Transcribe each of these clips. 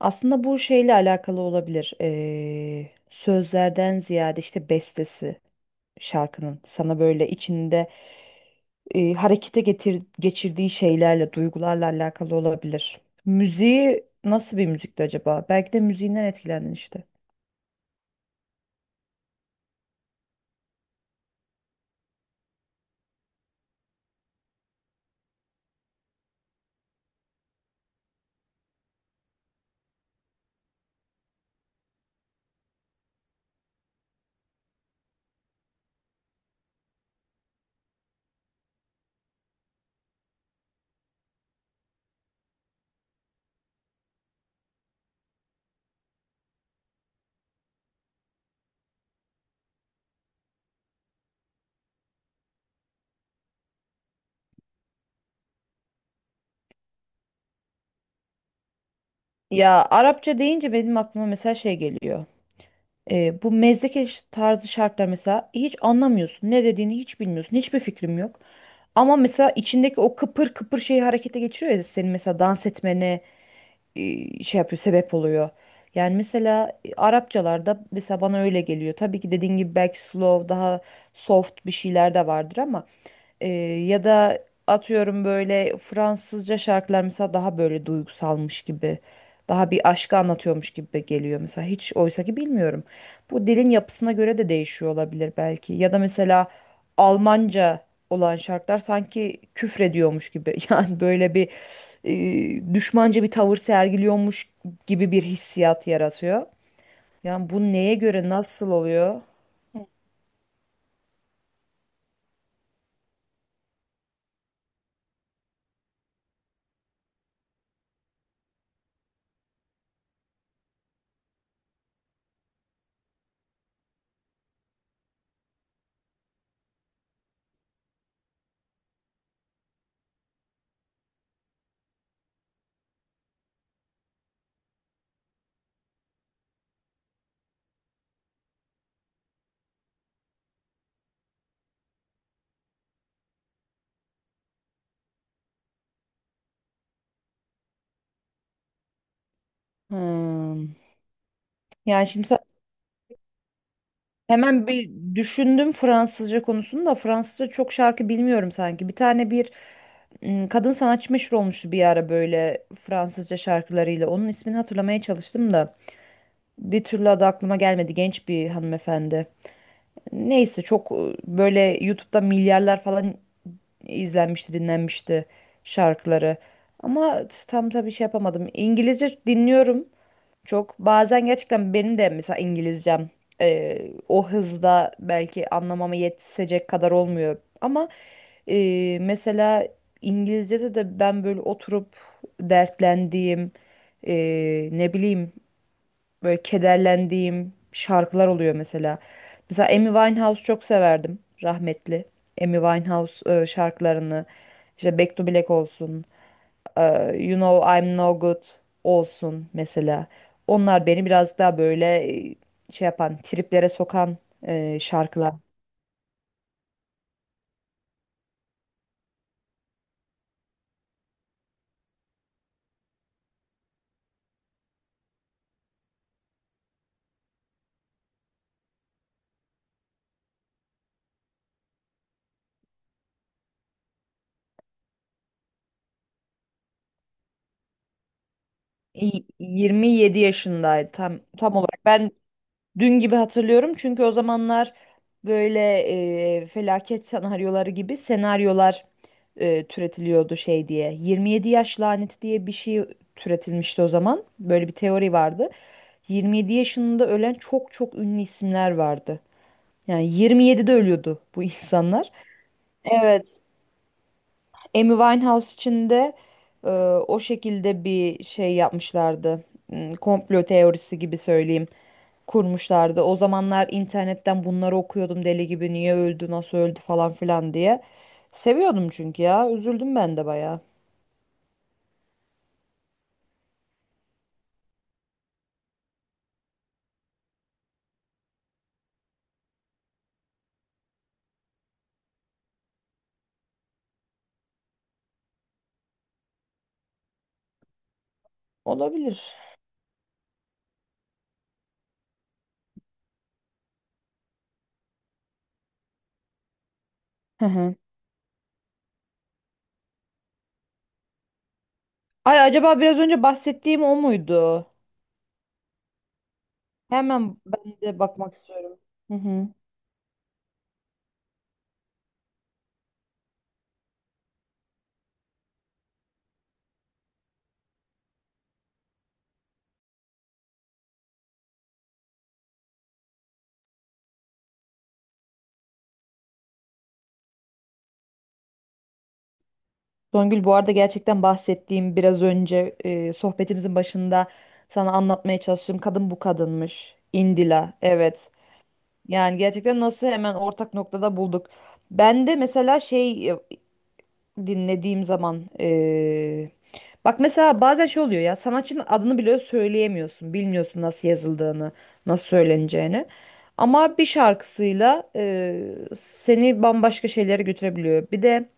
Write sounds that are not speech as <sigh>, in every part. Aslında bu şeyle alakalı olabilir. Sözlerden ziyade işte bestesi şarkının sana böyle içinde harekete geçirdiği şeylerle, duygularla alakalı olabilir. Müziği nasıl bir müzikti acaba? Belki de müziğinden etkilendin işte. Ya, Arapça deyince benim aklıma mesela şey geliyor. Bu mezdeke tarzı şarkılar, mesela hiç anlamıyorsun. Ne dediğini hiç bilmiyorsun. Hiçbir fikrim yok. Ama mesela içindeki o kıpır kıpır şeyi harekete geçiriyor ya senin, mesela dans etmene şey yapıyor, sebep oluyor. Yani mesela Arapçalarda mesela bana öyle geliyor. Tabii ki dediğin gibi belki slow, daha soft bir şeyler de vardır ama ee, ya da atıyorum böyle Fransızca şarkılar mesela daha böyle duygusalmış gibi, daha bir aşkı anlatıyormuş gibi geliyor mesela. Hiç, oysa ki bilmiyorum. Bu dilin yapısına göre de değişiyor olabilir belki. Ya da mesela Almanca olan şarkılar sanki küfrediyormuş gibi. <laughs> Yani böyle bir düşmanca bir tavır sergiliyormuş gibi bir hissiyat yaratıyor. Yani bu neye göre nasıl oluyor? Hmm. Yani şimdi hemen bir düşündüm, Fransızca konusunu da Fransızca çok şarkı bilmiyorum sanki. Bir tane, bir kadın sanatçı meşhur olmuştu bir ara böyle Fransızca şarkılarıyla. Onun ismini hatırlamaya çalıştım da bir türlü adı aklıma gelmedi. Genç bir hanımefendi. Neyse, çok böyle YouTube'da milyarlar falan izlenmişti, dinlenmişti şarkıları. Ama tam, tabii şey yapamadım. İngilizce dinliyorum. Çok bazen gerçekten benim de mesela İngilizcem o hızda belki anlamama yetişecek kadar olmuyor. Ama mesela İngilizce'de de ben böyle oturup dertlendiğim, ne bileyim, böyle kederlendiğim şarkılar oluyor mesela. Mesela Amy Winehouse çok severdim, rahmetli. Amy Winehouse şarkılarını işte Back to Black olsun. You Know I'm No Good olsun mesela. Onlar beni biraz daha böyle e, şey yapan, triplere sokan şarkılar. 27 yaşındaydı, tam olarak. Ben dün gibi hatırlıyorum, çünkü o zamanlar böyle felaket senaryoları gibi senaryolar türetiliyordu şey diye. 27 yaş laneti diye bir şey türetilmişti o zaman. Böyle bir teori vardı. 27 yaşında ölen çok çok ünlü isimler vardı. Yani 27'de ölüyordu bu <laughs> insanlar. Evet. Amy Winehouse için de e, o şekilde bir şey yapmışlardı. Komplo teorisi gibi söyleyeyim. Kurmuşlardı. O zamanlar internetten bunları okuyordum deli gibi. Niye öldü, nasıl öldü falan filan diye. Seviyordum çünkü ya. Üzüldüm ben de bayağı. Olabilir. Hı hı. Ay, acaba biraz önce bahsettiğim o muydu? Hemen ben de bakmak istiyorum. Hı hı. Songül, bu arada gerçekten bahsettiğim biraz önce, sohbetimizin başında sana anlatmaya çalıştığım kadın bu kadınmış. Indila, evet. Yani gerçekten nasıl hemen ortak noktada bulduk. Ben de mesela şey, dinlediğim zaman, bak mesela, bazen şey oluyor ya, sanatçının adını bile söyleyemiyorsun. Bilmiyorsun nasıl yazıldığını, nasıl söyleneceğini. Ama bir şarkısıyla seni bambaşka şeylere götürebiliyor. Bir de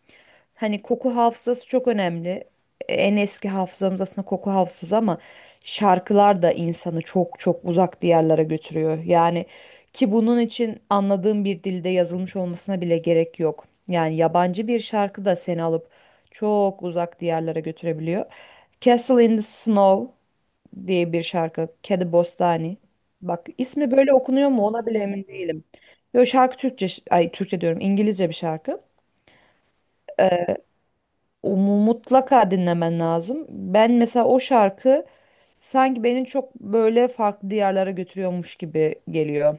hani koku hafızası çok önemli. En eski hafızamız aslında koku hafızası ama şarkılar da insanı çok çok uzak diyarlara götürüyor. Yani ki bunun için anladığım bir dilde yazılmış olmasına bile gerek yok. Yani yabancı bir şarkı da seni alıp çok uzak diyarlara götürebiliyor. Castle in the Snow diye bir şarkı. Kedi Bostani. Bak, ismi böyle okunuyor mu ona bile emin değilim. Yo, şarkı Türkçe, ay Türkçe diyorum, İngilizce bir şarkı. O mutlaka dinlemen lazım. Ben mesela o şarkı sanki beni çok böyle farklı diyarlara götürüyormuş gibi geliyor.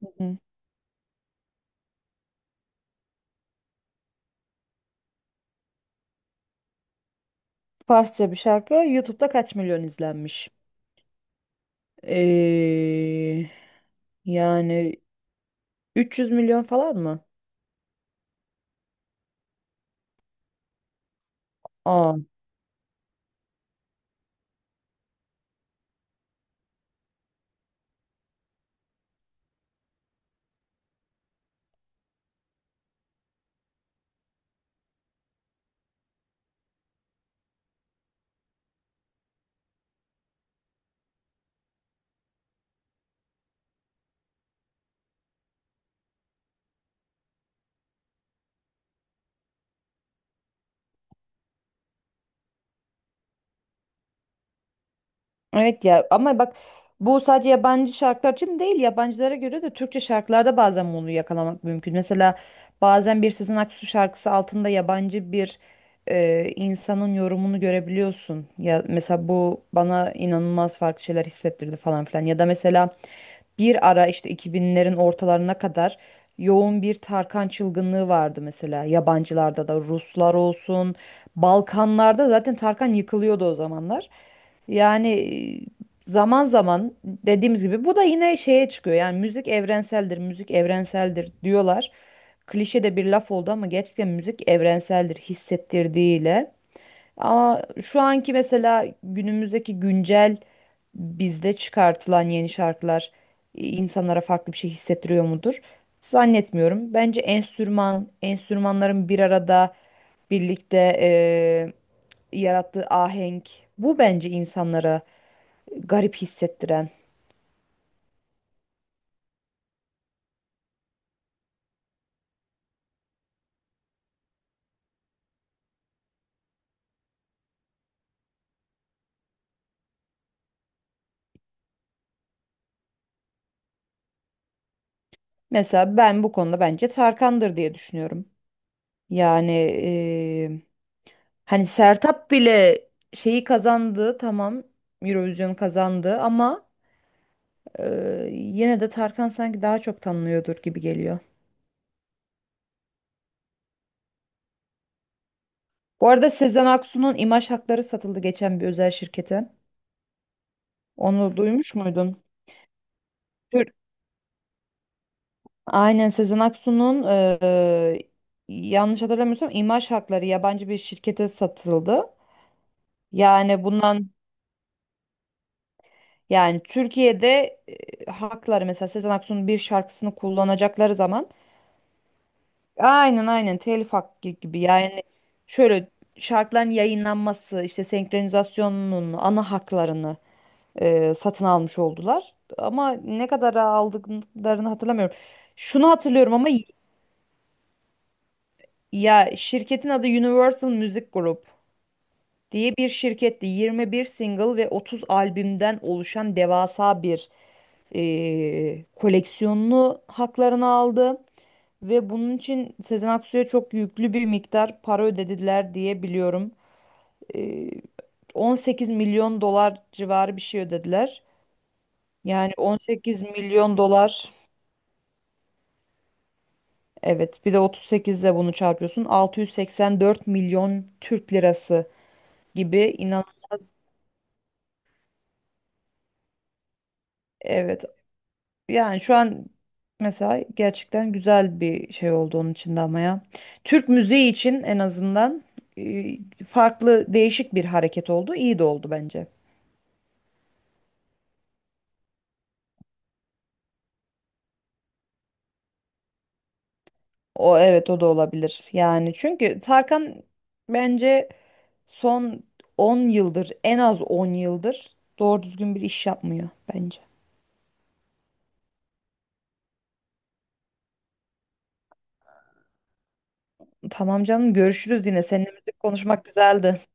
Hı. Farsça bir şarkı. YouTube'da kaç milyon izlenmiş? Ee, Yani 300 milyon falan mı? Aa. Evet ya, ama bak, bu sadece yabancı şarkılar için değil, yabancılara göre de Türkçe şarkılarda bazen bunu yakalamak mümkün. Mesela bazen bir Sezen Aksu şarkısı altında yabancı bir insanın yorumunu görebiliyorsun. Ya mesela bu bana inanılmaz farklı şeyler hissettirdi, falan filan. Ya da mesela bir ara, işte 2000'lerin ortalarına kadar yoğun bir Tarkan çılgınlığı vardı mesela, yabancılarda da. Ruslar olsun, Balkanlarda zaten Tarkan yıkılıyordu o zamanlar. Yani zaman zaman dediğimiz gibi, bu da yine şeye çıkıyor. Yani müzik evrenseldir, müzik evrenseldir diyorlar. Klişe de bir laf oldu ama gerçekten müzik evrenseldir, hissettirdiğiyle. Ama şu anki mesela, günümüzdeki güncel bizde çıkartılan yeni şarkılar insanlara farklı bir şey hissettiriyor mudur? Zannetmiyorum. Bence enstrümanların bir arada, birlikte yarattığı ahenk, bu bence insanlara garip hissettiren. Mesela ben bu konuda bence Tarkan'dır diye düşünüyorum. Yani e, hani Sertab bile şeyi kazandı, tamam, Eurovision kazandı ama yine de Tarkan sanki daha çok tanınıyordur gibi geliyor. Bu arada Sezen Aksu'nun imaj hakları satıldı geçen bir özel şirkete. Onu duymuş muydun? Tür- Aynen, Sezen Aksu'nun yanlış hatırlamıyorsam imaj hakları yabancı bir şirkete satıldı. Yani bundan, yani Türkiye'de hakları mesela Sezen Aksu'nun bir şarkısını kullanacakları zaman... Aynen aynen, telif hakkı gibi yani. Şöyle, şarkıların yayınlanması, işte senkronizasyonunun ana haklarını satın almış oldular ama ne kadara aldıklarını hatırlamıyorum. Şunu hatırlıyorum ama ya, şirketin adı Universal Music Group diye bir şirketti. 21 single ve 30 albümden oluşan devasa bir koleksiyonunu, haklarını aldı. Ve bunun için Sezen Aksu'ya çok yüklü bir miktar para ödediler diye biliyorum. Ee, 18 milyon dolar civarı bir şey ödediler. Yani 18 milyon dolar, evet, bir de 38 ile bunu çarpıyorsun, 684 milyon Türk lirası gibi, inanılmaz. Evet, yani şu an mesela gerçekten güzel bir şey oldu onun için de, ama ya. Türk müziği için en azından e, farklı, değişik bir hareket oldu. İyi de oldu bence. O, evet, o da olabilir. Yani çünkü Tarkan bence son 10 yıldır, en az 10 yıldır doğru düzgün bir iş yapmıyor bence. Tamam canım, görüşürüz yine. Seninle müzik konuşmak güzeldi.